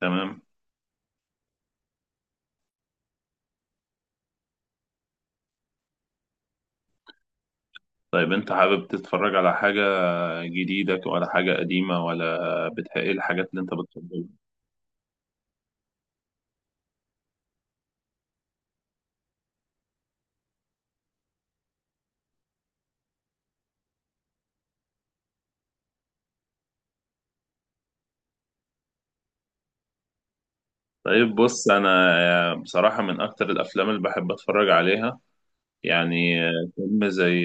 تمام. طيب، انت حابب تتفرج على حاجة جديدة ولا حاجة قديمة، ولا ايه الحاجات اللي انت بتفضلها؟ طيب، بص، انا بصراحة من اكتر الافلام اللي بحب اتفرج عليها يعني فيلم زي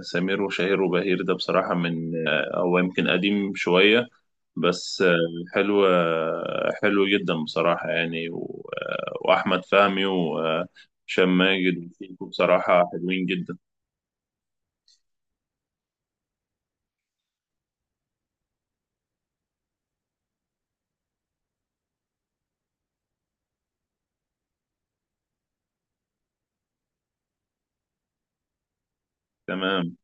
سمير وشهير وبهير، ده بصراحة هو يمكن قديم شوية، بس حلو، حلو جدا بصراحة يعني واحمد فهمي وهشام ماجد وشيكو بصراحة حلوين جدا. تمام.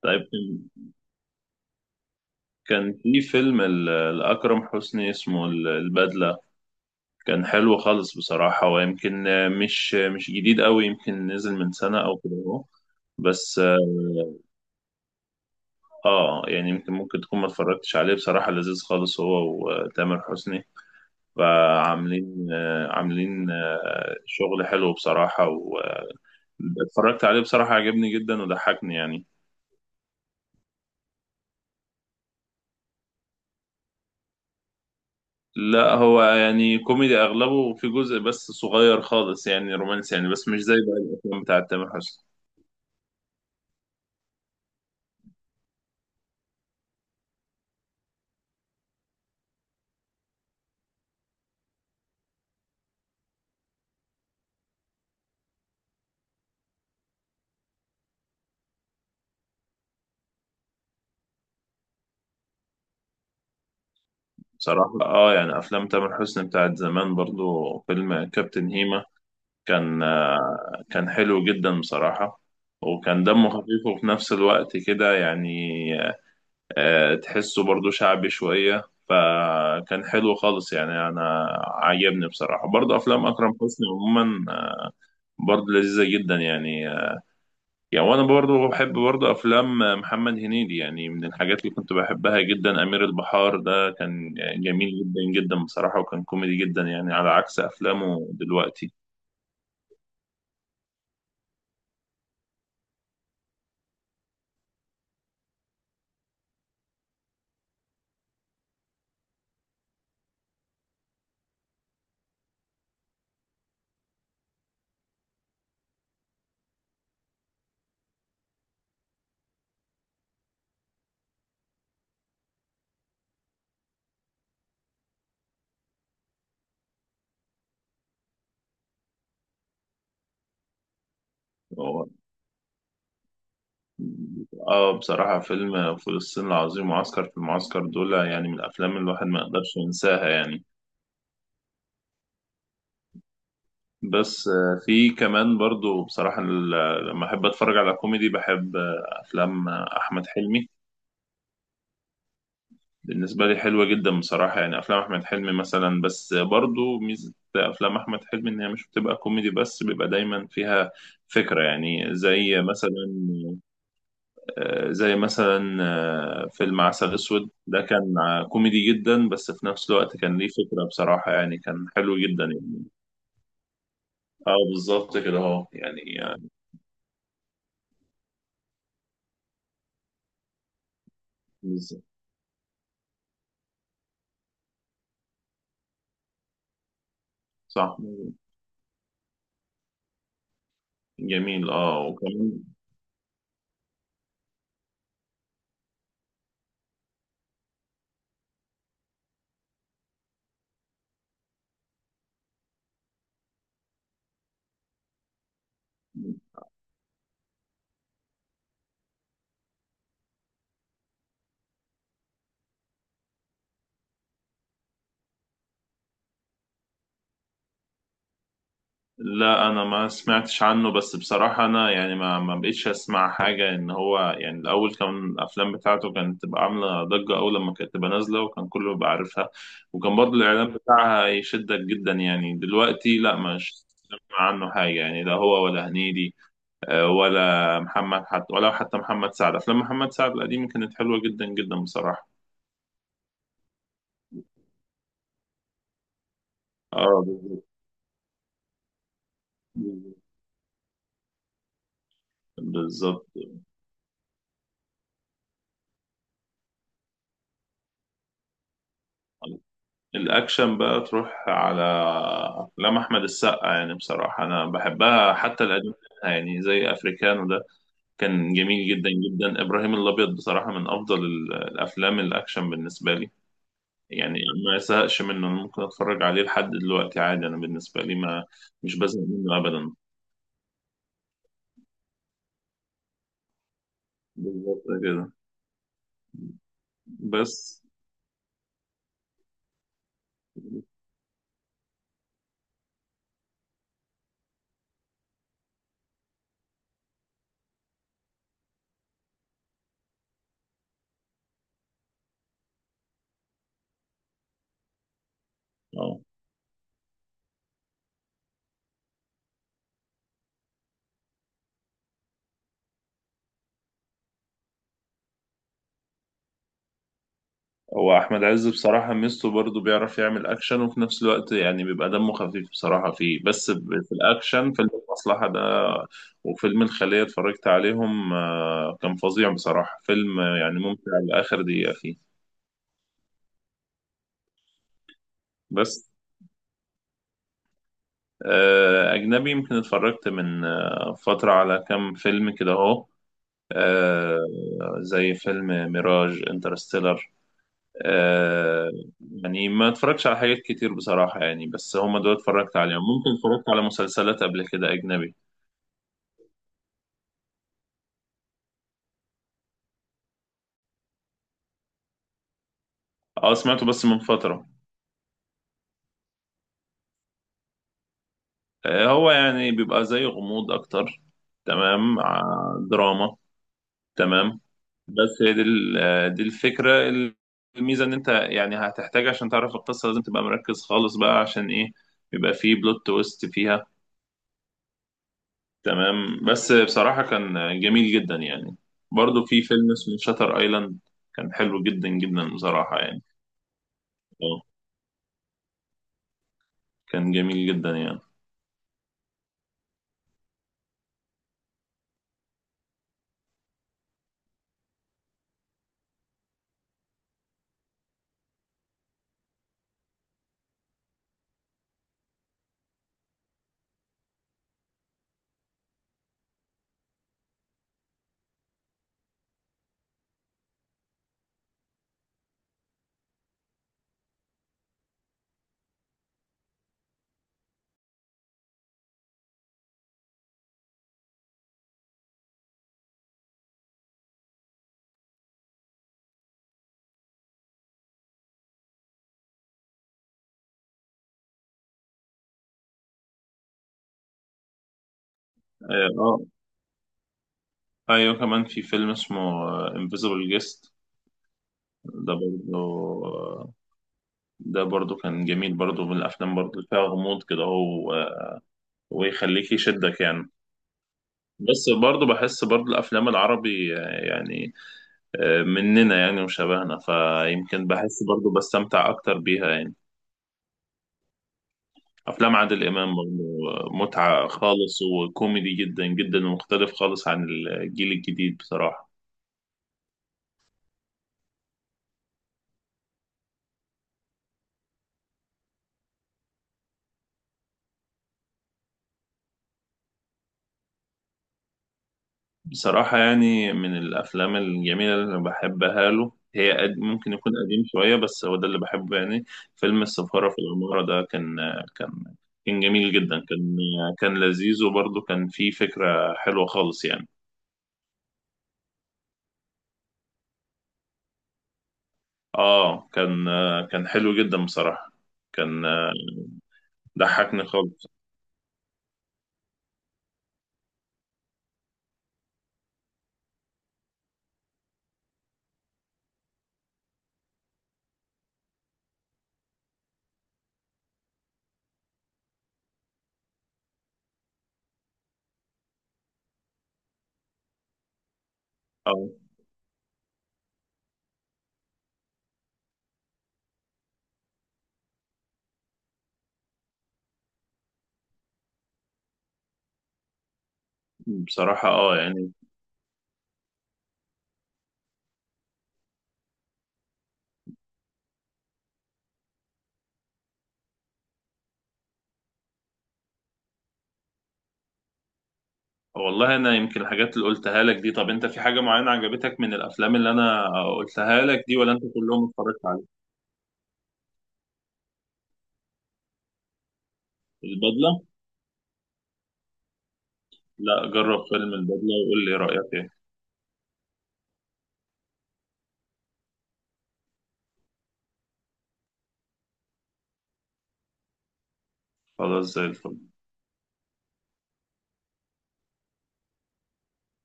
طيب، كان في فيلم لأكرم حسني اسمه البدلة، كان حلو خالص بصراحة ويمكن مش جديد قوي، يمكن نزل من سنة أو كده أهو. بس يعني ممكن تكون ما اتفرجتش عليه، بصراحة لذيذ خالص هو وتامر حسني. فعاملين آه، عاملين آه، شغل حلو بصراحة. واتفرجت عليه بصراحة، عجبني جدا وضحكني يعني. لا، هو يعني كوميدي اغلبه، وفي جزء بس صغير خالص يعني رومانسي يعني، بس مش زي بقى الافلام بتاعت تامر حسني. بصراحة يعني افلام تامر حسني بتاعت زمان، برضو فيلم كابتن هيما كان حلو جدا بصراحة، وكان دمه خفيف وفي نفس الوقت كده يعني، تحسه برضو شعبي شوية، فكان حلو خالص يعني. أنا عجبني بصراحة، برضو أفلام أكرم حسني عموما برضو لذيذة جدا يعني. وانا برضه بحب برضه افلام محمد هنيدي، يعني من الحاجات اللي كنت بحبها جدا. امير البحار ده كان جميل جدا جدا بصراحة، وكان كوميدي جدا يعني على عكس افلامه دلوقتي. هو اه بصراحة فيلم فلسطين العظيم وعسكر في المعسكر دول يعني من الافلام اللي الواحد ما يقدرش ينساها يعني. بس، في كمان برضه بصراحة لما احب اتفرج على كوميدي، بحب افلام احمد حلمي. بالنسبة لي حلوة جدا بصراحة يعني. أفلام أحمد حلمي مثلا، بس برضو ميزة أفلام أحمد حلمي إن هي مش بتبقى كوميدي بس، بيبقى دايما فيها فكرة يعني زي مثلا آه، زي مثلا آه، فيلم عسل أسود ده كان كوميدي جدا، بس في نفس الوقت كان ليه فكرة بصراحة يعني، كان حلو جدا يعني. اه بالظبط كده اهو يعني بالظبط. صح. جميل، وكمان. لا، انا ما سمعتش عنه، بس بصراحة انا يعني ما بقيتش اسمع حاجة، ان هو يعني الاول كان الافلام بتاعته كانت تبقى عاملة ضجة اول لما كانت تبقى نازلة وكان كله بيبقى عارفها، وكان برضو الاعلان بتاعها يشدك جدا يعني. دلوقتي لا، مش سمع عنه حاجة يعني، لا هو ولا هنيدي، ولا محمد حتى، ولا حتى محمد سعد. افلام محمد سعد القديمة كانت حلوة جدا جدا بصراحة. اه، بالظبط، بالظبط. الأكشن بقى تروح على أفلام أحمد السقا، يعني بصراحة أنا بحبها، حتى القديم منها يعني، زي أفريكانو ده كان جميل جدا جدا. إبراهيم الأبيض بصراحة من أفضل الأفلام الأكشن بالنسبة لي يعني، ما يزهقش منه، أنا ممكن أتفرج عليه لحد دلوقتي عادي. أنا بالنسبة لي ما مش بزهق منه أبدا. بالظبط كده، بس آه. هو احمد عز بصراحه، ميزته برضه بيعرف يعمل اكشن وفي نفس الوقت يعني بيبقى دمه خفيف بصراحه، فيه بس في الاكشن، فيلم المصلحه ده وفيلم الخليه اتفرجت عليهم، كان فظيع بصراحه، فيلم يعني ممتع لاخر دقيقه فيه. بس، اجنبي يمكن اتفرجت من فتره على كام فيلم كده اهو، آه، زي فيلم ميراج انترستيلر. آه يعني ما اتفرجتش على حاجات كتير بصراحة يعني، بس هما دول اتفرجت عليهم، ممكن اتفرجت على مسلسلات قبل كده أجنبي. اه، سمعته بس من فترة. هو يعني بيبقى زي غموض أكتر. تمام. دراما. تمام. بس هي دي دي الفكرة. الميزة إن أنت يعني هتحتاج عشان تعرف القصة لازم تبقى مركز خالص بقى، عشان إيه؟ بيبقى فيه بلوت تويست فيها. تمام. بس بصراحة كان جميل جدا يعني. برضو في فيلم اسمه شاتر ايلاند كان حلو جدا جدا بصراحة يعني. اه، كان جميل جدا يعني اه آه. ايوه، كمان في فيلم اسمه انفيزبل جيست، ده برضو آه، ده برضو كان جميل، برضو من الافلام برضو اللي فيها غموض كده، هو آه، ويخليك يشدك يعني. بس برضو بحس برضو الافلام العربي، يعني مننا يعني وشبهنا، فيمكن بحس برضو بستمتع اكتر بيها يعني. افلام عادل امام برضه متعه خالص وكوميدي جدا جدا، ومختلف خالص عن الجيل الجديد بصراحه. بصراحه يعني من الافلام الجميله اللي أنا بحبها له، هي قد ممكن يكون قديم شويه بس هو ده اللي بحبه يعني. فيلم السفاره في العماره ده كان كان جميل جدا، كان لذيذ، وبرضه كان فيه فكره حلوه خالص يعني. اه كان كان حلو جدا بصراحه، كان آه، ضحكني خالص. اه. بصراحة يعني والله انا يمكن الحاجات اللي قلتها لك دي. طب انت في حاجه معينه عجبتك من الافلام اللي انا قلتها لك دي، ولا انت كلهم اتفرجت عليهم؟ البدله. لا، جرب فيلم البدله وقول لي رايك ايه. خلاص، زي الفل.